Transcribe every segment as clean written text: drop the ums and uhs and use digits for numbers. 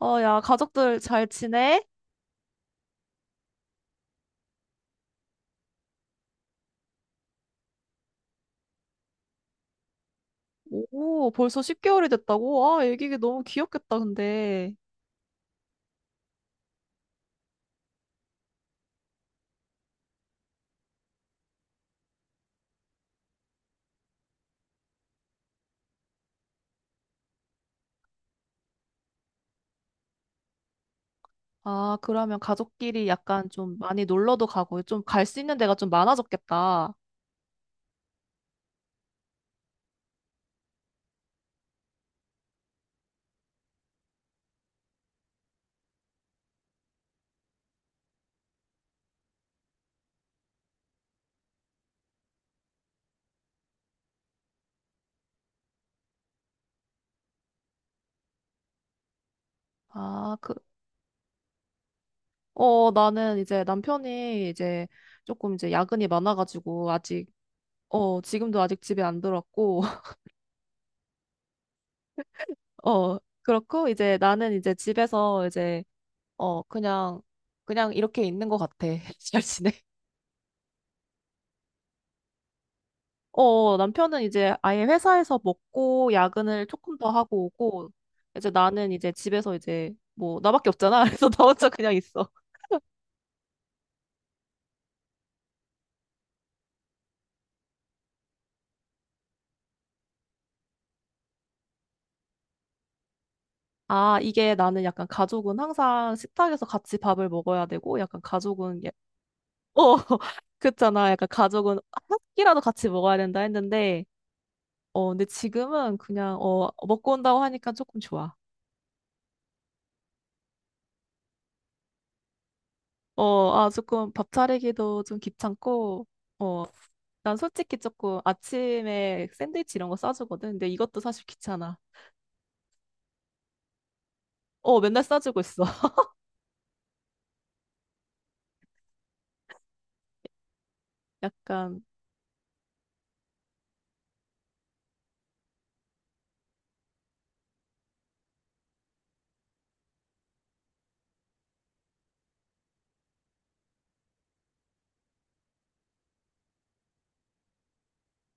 야, 가족들 잘 지내? 오, 벌써 10개월이 됐다고? 아, 애기가 너무 귀엽겠다, 근데. 아, 그러면 가족끼리 약간 좀 많이 놀러도 가고, 좀 갈 수 있는 데가 좀 많아졌겠다. 아, 그, 나는 남편이 조금 야근이 많아가지고, 지금도 아직 집에 안 들어왔고, 그렇고, 나는 집에서 어, 그냥, 그냥 이렇게 있는 것 같아. 잘 지내? 남편은 아예 회사에서 먹고 야근을 조금 더 하고 오고, 나는 집에서 뭐 나밖에 없잖아. 그래서 나 혼자 그냥 있어. 아, 이게 나는 약간 가족은 항상 식탁에서 같이 밥을 먹어야 되고, 약간 가족은, 예- 어, 그렇잖아. 약간 가족은 한 끼라도 같이 먹어야 된다 했는데, 근데 지금은 먹고 온다고 하니까 조금 좋아. 조금 밥 차리기도 좀 귀찮고, 어 난 솔직히 조금 아침에 샌드위치 이런 거 싸주거든. 근데 이것도 사실 귀찮아. 어, 맨날 싸주고 있어. 약간,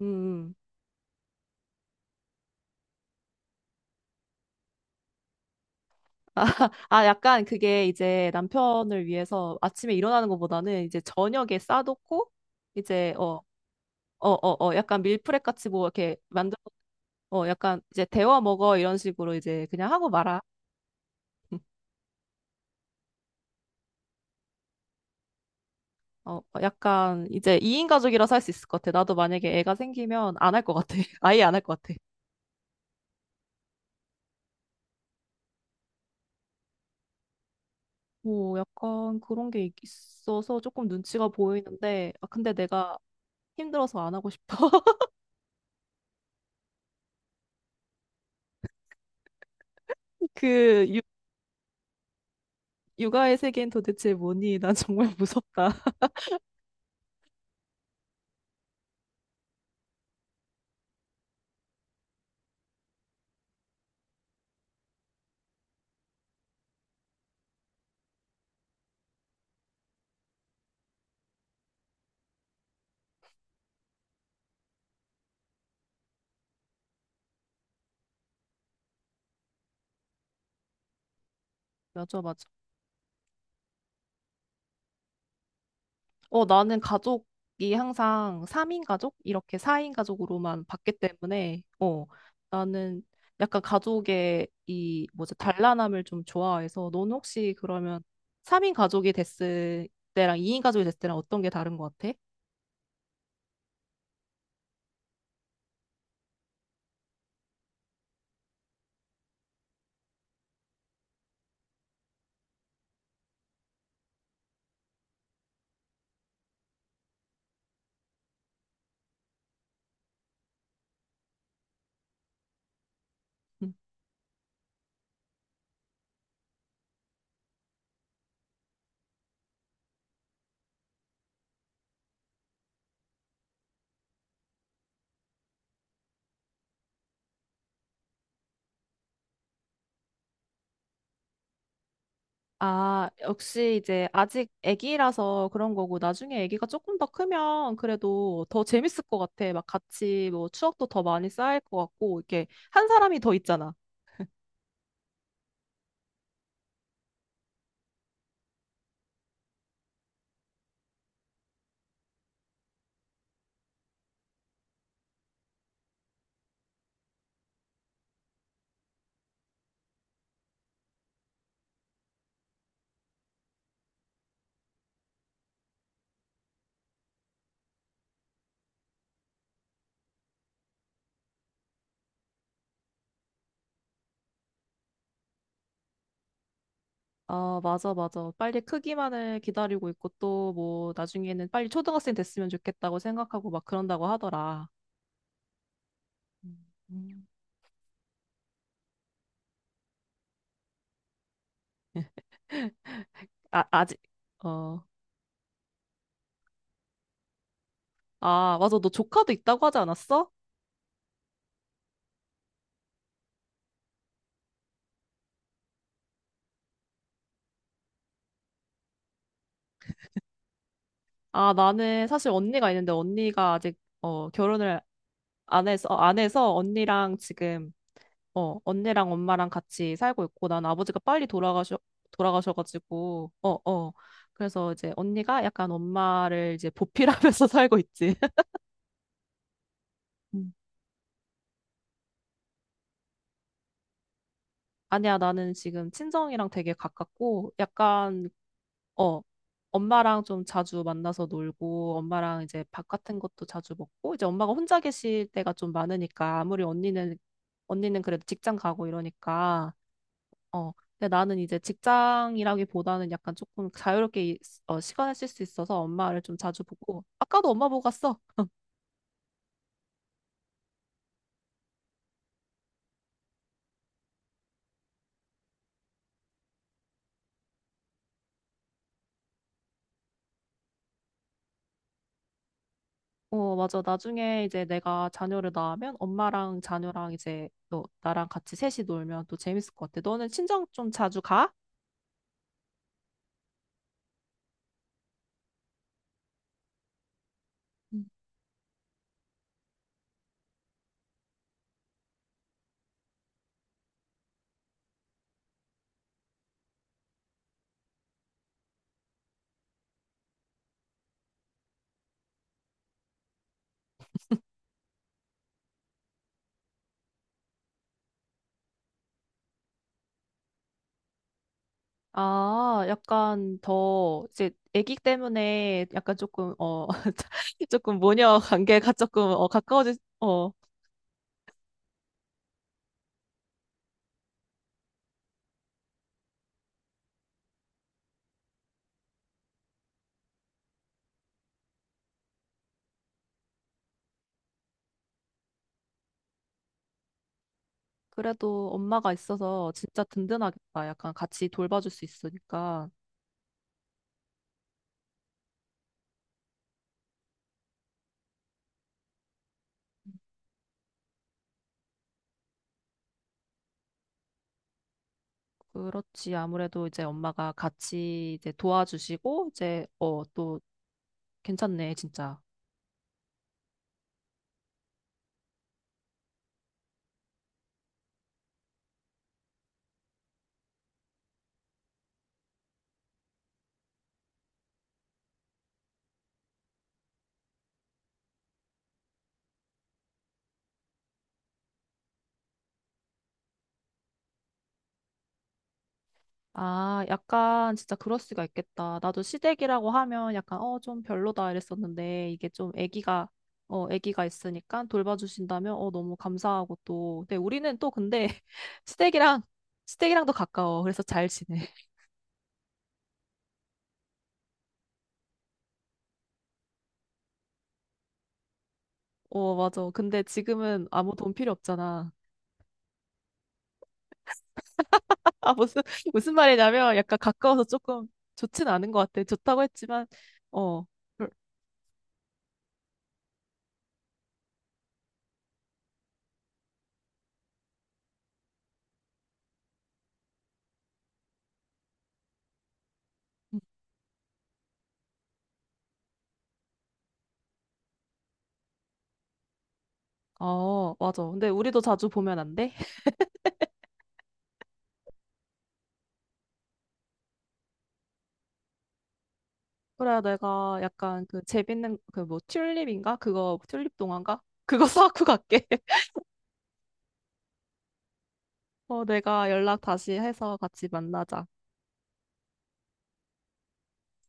음. 음. 아, 약간 그게 이제 남편을 위해서 아침에 일어나는 것보다는 이제 저녁에 싸놓고, 이제, 어, 약간 밀프렙 같이 뭐 이렇게 만들어, 약간 이제 데워 먹어 이런 식으로 이제 그냥 하고 말아. 약간 이제 2인 가족이라서 할 수 있을 것 같아. 나도 만약에 애가 생기면 안 할 것 같아. 아예 안 할 것 같아. 뭐 약간 그런 게 있어서 조금 눈치가 보이는데, 아, 근데 내가 힘들어서 안 하고 싶어. 그 육, 육아의 세계는 도대체 뭐니? 난 정말 무섭다. 맞아, 맞아. 어, 나는 가족이 항상 3인 가족? 이렇게 4인 가족으로만 봤기 때문에, 나는 약간 가족의 뭐지, 단란함을 좀 좋아해서, 넌 혹시 그러면 3인 가족이 됐을 때랑 2인 가족이 됐을 때랑 어떤 게 다른 것 같아? 아, 역시 이제 아직 아기라서 그런 거고, 나중에 아기가 조금 더 크면 그래도 더 재밌을 것 같아. 막 같이 뭐 추억도 더 많이 쌓일 것 같고, 이렇게 한 사람이 더 있잖아. 아, 맞아, 맞아. 빨리 크기만을 기다리고 있고, 또 뭐 나중에는 빨리 초등학생 됐으면 좋겠다고 생각하고 막 그런다고 하더라. 음, 음. 아, 아직, 어. 아, 맞아. 너 조카도 있다고 하지 않았어? 아, 나는 사실 언니가 있는데 언니가 아직 결혼을 안에서, 안에서 언니랑 지금, 언니랑 엄마랑 같이 살고 있고, 난 아버지가 빨리 돌아가셔가지고, 어, 어. 그래서 이제 언니가 약간 엄마를 이제 보필하면서 살고 있지. 음. 아니야, 나는 지금 친정이랑 되게 가깝고, 어, 엄마랑 좀 자주 만나서 놀고, 엄마랑 이제 밥 같은 것도 자주 먹고, 이제 엄마가 혼자 계실 때가 좀 많으니까, 언니는 그래도 직장 가고 이러니까, 어, 근데 나는 이제 직장이라기보다는 약간 조금 자유롭게 시간을 쓸 수 있어서 엄마를 좀 자주 보고, 아까도 엄마 보고 갔어. 어, 맞아. 나중에 이제 내가 자녀를 낳으면 엄마랑 자녀랑 이제 또 나랑 같이 셋이 놀면 또 재밌을 것 같아. 너는 친정 좀 자주 가? 음. 아, 약간 더 이제 아기 때문에 약간 조금 어 조금 모녀 관계가 조금 어 가까워지 그래도 엄마가 있어서 진짜 든든하겠다. 약간 같이 돌봐줄 수 있으니까. 그렇지. 아무래도 이제 엄마가 같이 이제 도와주시고, 또 괜찮네, 진짜. 아, 약간 진짜 그럴 수가 있겠다. 나도 시댁이라고 하면 좀 별로다 이랬었는데, 이게 좀 아기가 있으니까 돌봐주신다면, 너무 감사하고 또. 근데 우리는 또 근데 시댁이랑, 시댁이랑도 가까워. 그래서 잘 지내. 어, 맞아. 근데 지금은 아무 돈 필요 없잖아. 아, 무슨, 무슨 말이냐면 약간 가까워서 조금 좋진 않은 것 같아. 좋다고 했지만, 어, 별- 음, 어, 맞아. 근데 우리도 자주 보면 안 돼? 그래, 내가 약간 그 재밌는 그 뭐 튤립인가? 그거 튤립 동화인가? 그거 사갖고 갈게. 어, 내가 연락 다시 해서 같이 만나자.